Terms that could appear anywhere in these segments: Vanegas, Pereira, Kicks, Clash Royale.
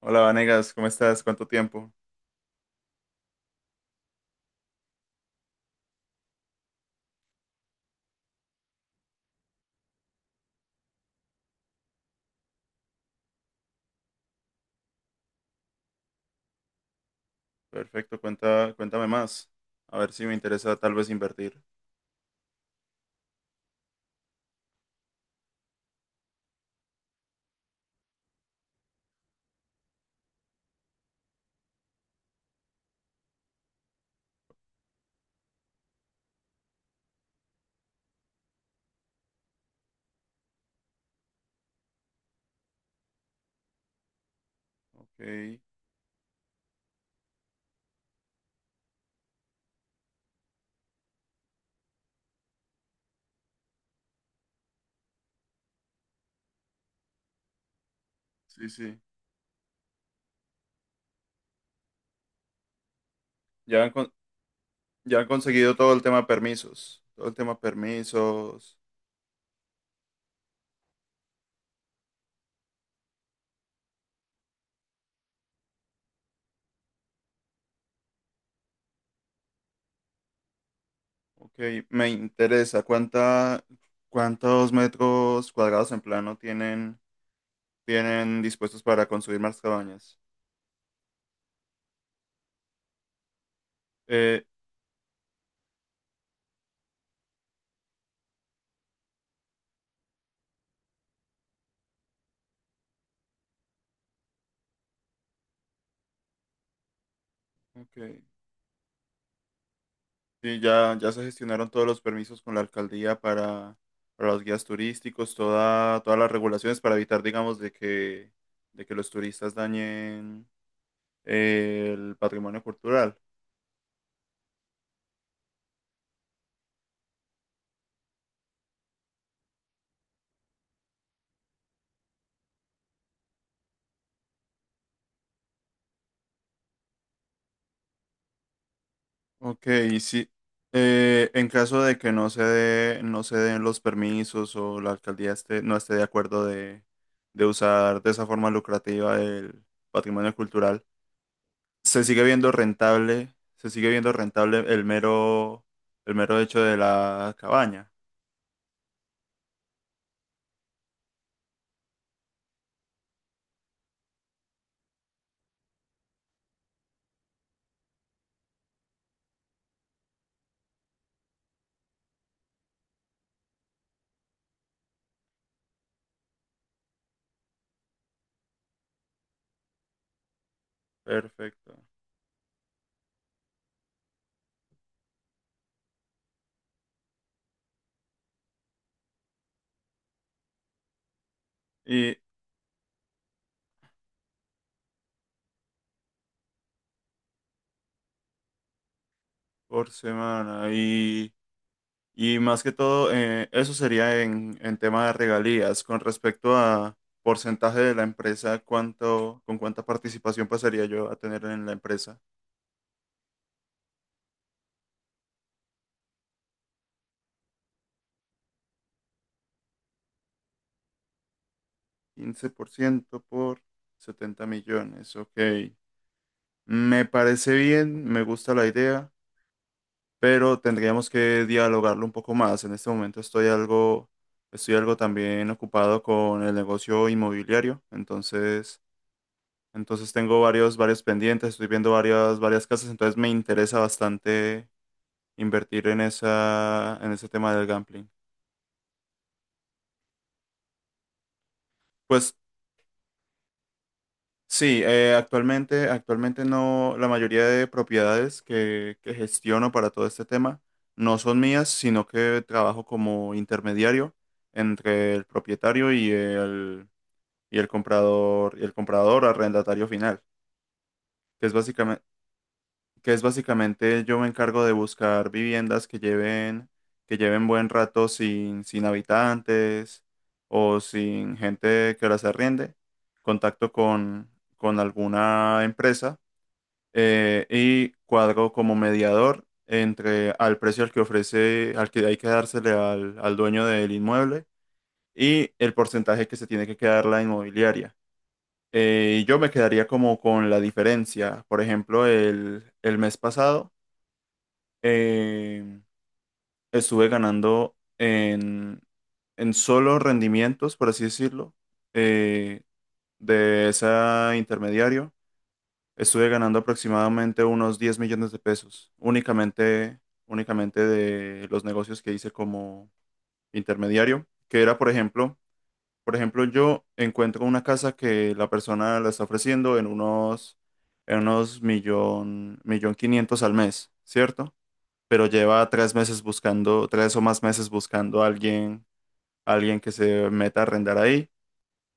Hola Vanegas, ¿cómo estás? ¿Cuánto tiempo? Perfecto, cuenta, cuéntame más. A ver si me interesa tal vez invertir. Ok, sí, sí. Ya han, con- ya han conseguido todo el tema permisos. Todo el tema permisos. Ok, me interesa. ¿ Cuántos metros cuadrados en plano tienen, tienen dispuestos para construir más cabañas? Eh, ok. Sí, ya, ya se gestionaron todos los permisos con la alcaldía para los guías turísticos, todas las regulaciones para evitar, digamos, de que los turistas dañen el patrimonio cultural. Ok, y sí. Eh, en caso de que no se den los permisos o la alcaldía no esté de acuerdo de usar de esa forma lucrativa el patrimonio cultural, se sigue viendo rentable, se sigue viendo rentable el mero hecho de la cabaña. Perfecto. Y por semana. Y más que todo, eso sería en tema de regalías. Con respecto a porcentaje de la empresa, ¿ con cuánta participación pasaría yo a tener en la empresa? 15% por 70 millones. Ok. Me parece bien, me gusta la idea. Pero tendríamos que dialogarlo un poco más. En este momento estoy algo también ocupado con el negocio inmobiliario, entonces, entonces tengo varios, varios pendientes, estoy viendo varias, varias casas, entonces me interesa bastante invertir en esa, en ese tema del gambling. Pues sí, actualmente, actualmente no, la mayoría de propiedades que gestiono para todo este tema no son mías, sino que trabajo como intermediario entre el propietario y el comprador arrendatario final, que es básicamente, que es básicamente yo me encargo de buscar viviendas que lleven buen rato sin habitantes o sin gente que las arriende, contacto con, con alguna empresa y cuadro como mediador entre al precio al que ofrece, al que hay que dársele al dueño del inmueble y el porcentaje que se tiene que quedar la inmobiliaria. Yo me quedaría como con la diferencia. Por ejemplo, el mes pasado eh, estuve ganando en solo rendimientos, por así decirlo, eh, de ese intermediario. Estuve ganando aproximadamente unos 10 millones de pesos, únicamente, únicamente de los negocios que hice como intermediario, que era, por ejemplo, yo encuentro una casa que la persona la está ofreciendo en unos millón, millón quinientos al mes, ¿cierto? Pero lleva tres meses buscando, tres o más meses buscando a alguien que se meta a arrendar ahí.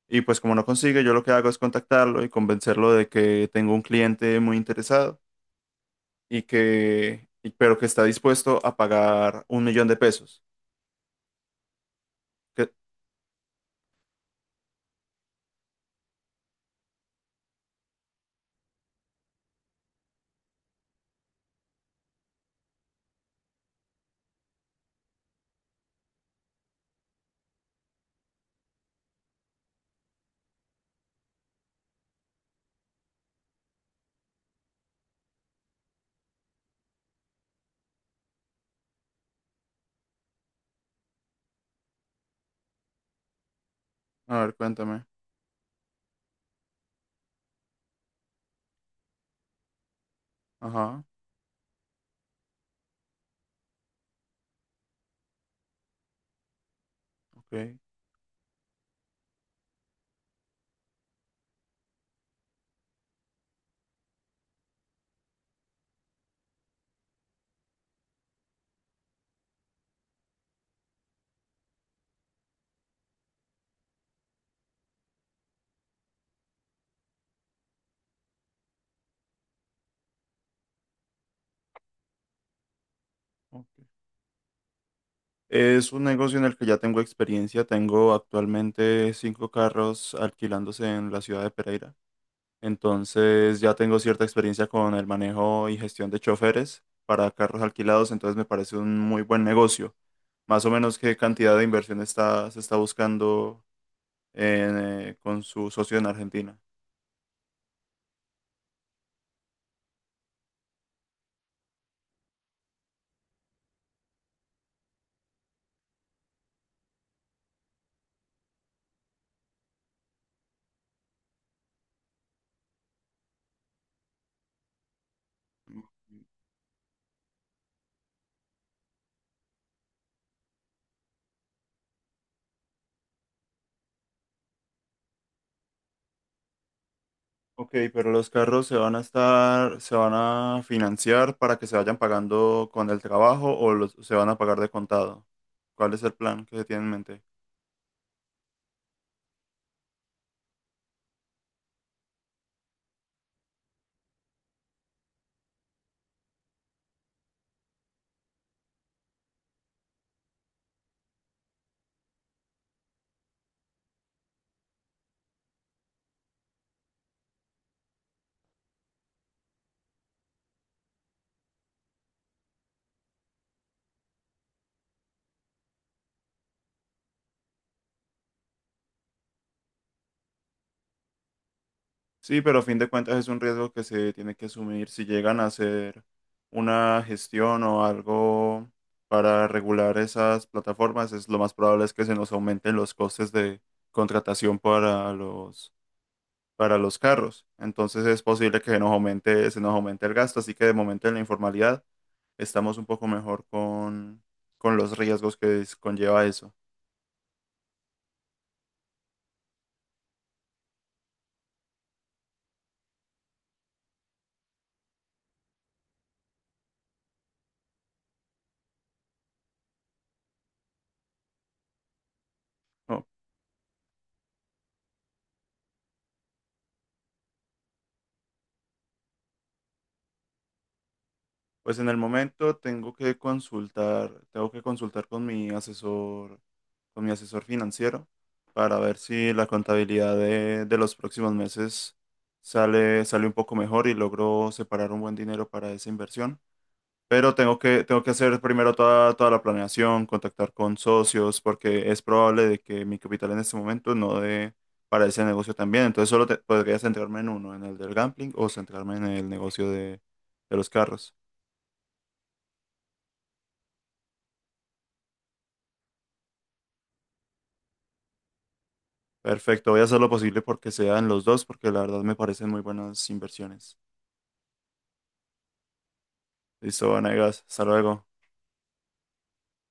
Y pues como no consigue, yo lo que hago es contactarlo y convencerlo de que tengo un cliente muy interesado y pero que está dispuesto a pagar un millón de pesos. ¿Qué? A ver, cuéntame. Ajá, ok, ok. Es un negocio en el que ya tengo experiencia. Tengo actualmente 5 carros alquilándose en la ciudad de Pereira. Entonces ya tengo cierta experiencia con el manejo y gestión de choferes para carros alquilados. Entonces me parece un muy buen negocio. Más o menos qué cantidad de inversión se está buscando en, con su socio en Argentina. Ok, pero los carros se van a financiar para que se vayan pagando con el trabajo o se van a pagar de contado. ¿Cuál es el plan que se tiene en mente? Sí, pero a fin de cuentas es un riesgo que se tiene que asumir. Si llegan a hacer una gestión o algo para regular esas plataformas, es lo más probable, es que se nos aumenten los costes de contratación para los carros. Entonces es posible que se nos aumente el gasto, así que de momento en la informalidad estamos un poco mejor con los riesgos que conlleva eso. No, pues en el momento tengo que consultar con mi asesor financiero para ver si la contabilidad de los próximos meses sale, sale un poco mejor y logro separar un buen dinero para esa inversión. Pero tengo que hacer primero toda, toda la planeación, contactar con socios, porque es probable de que mi capital en este momento no dé para ese negocio también. Podría centrarme en uno, en el del gambling o centrarme en el negocio de los carros. Perfecto, voy a hacer lo posible porque sean los dos, porque la verdad me parecen muy buenas inversiones. Listo, Vanegas, hasta luego.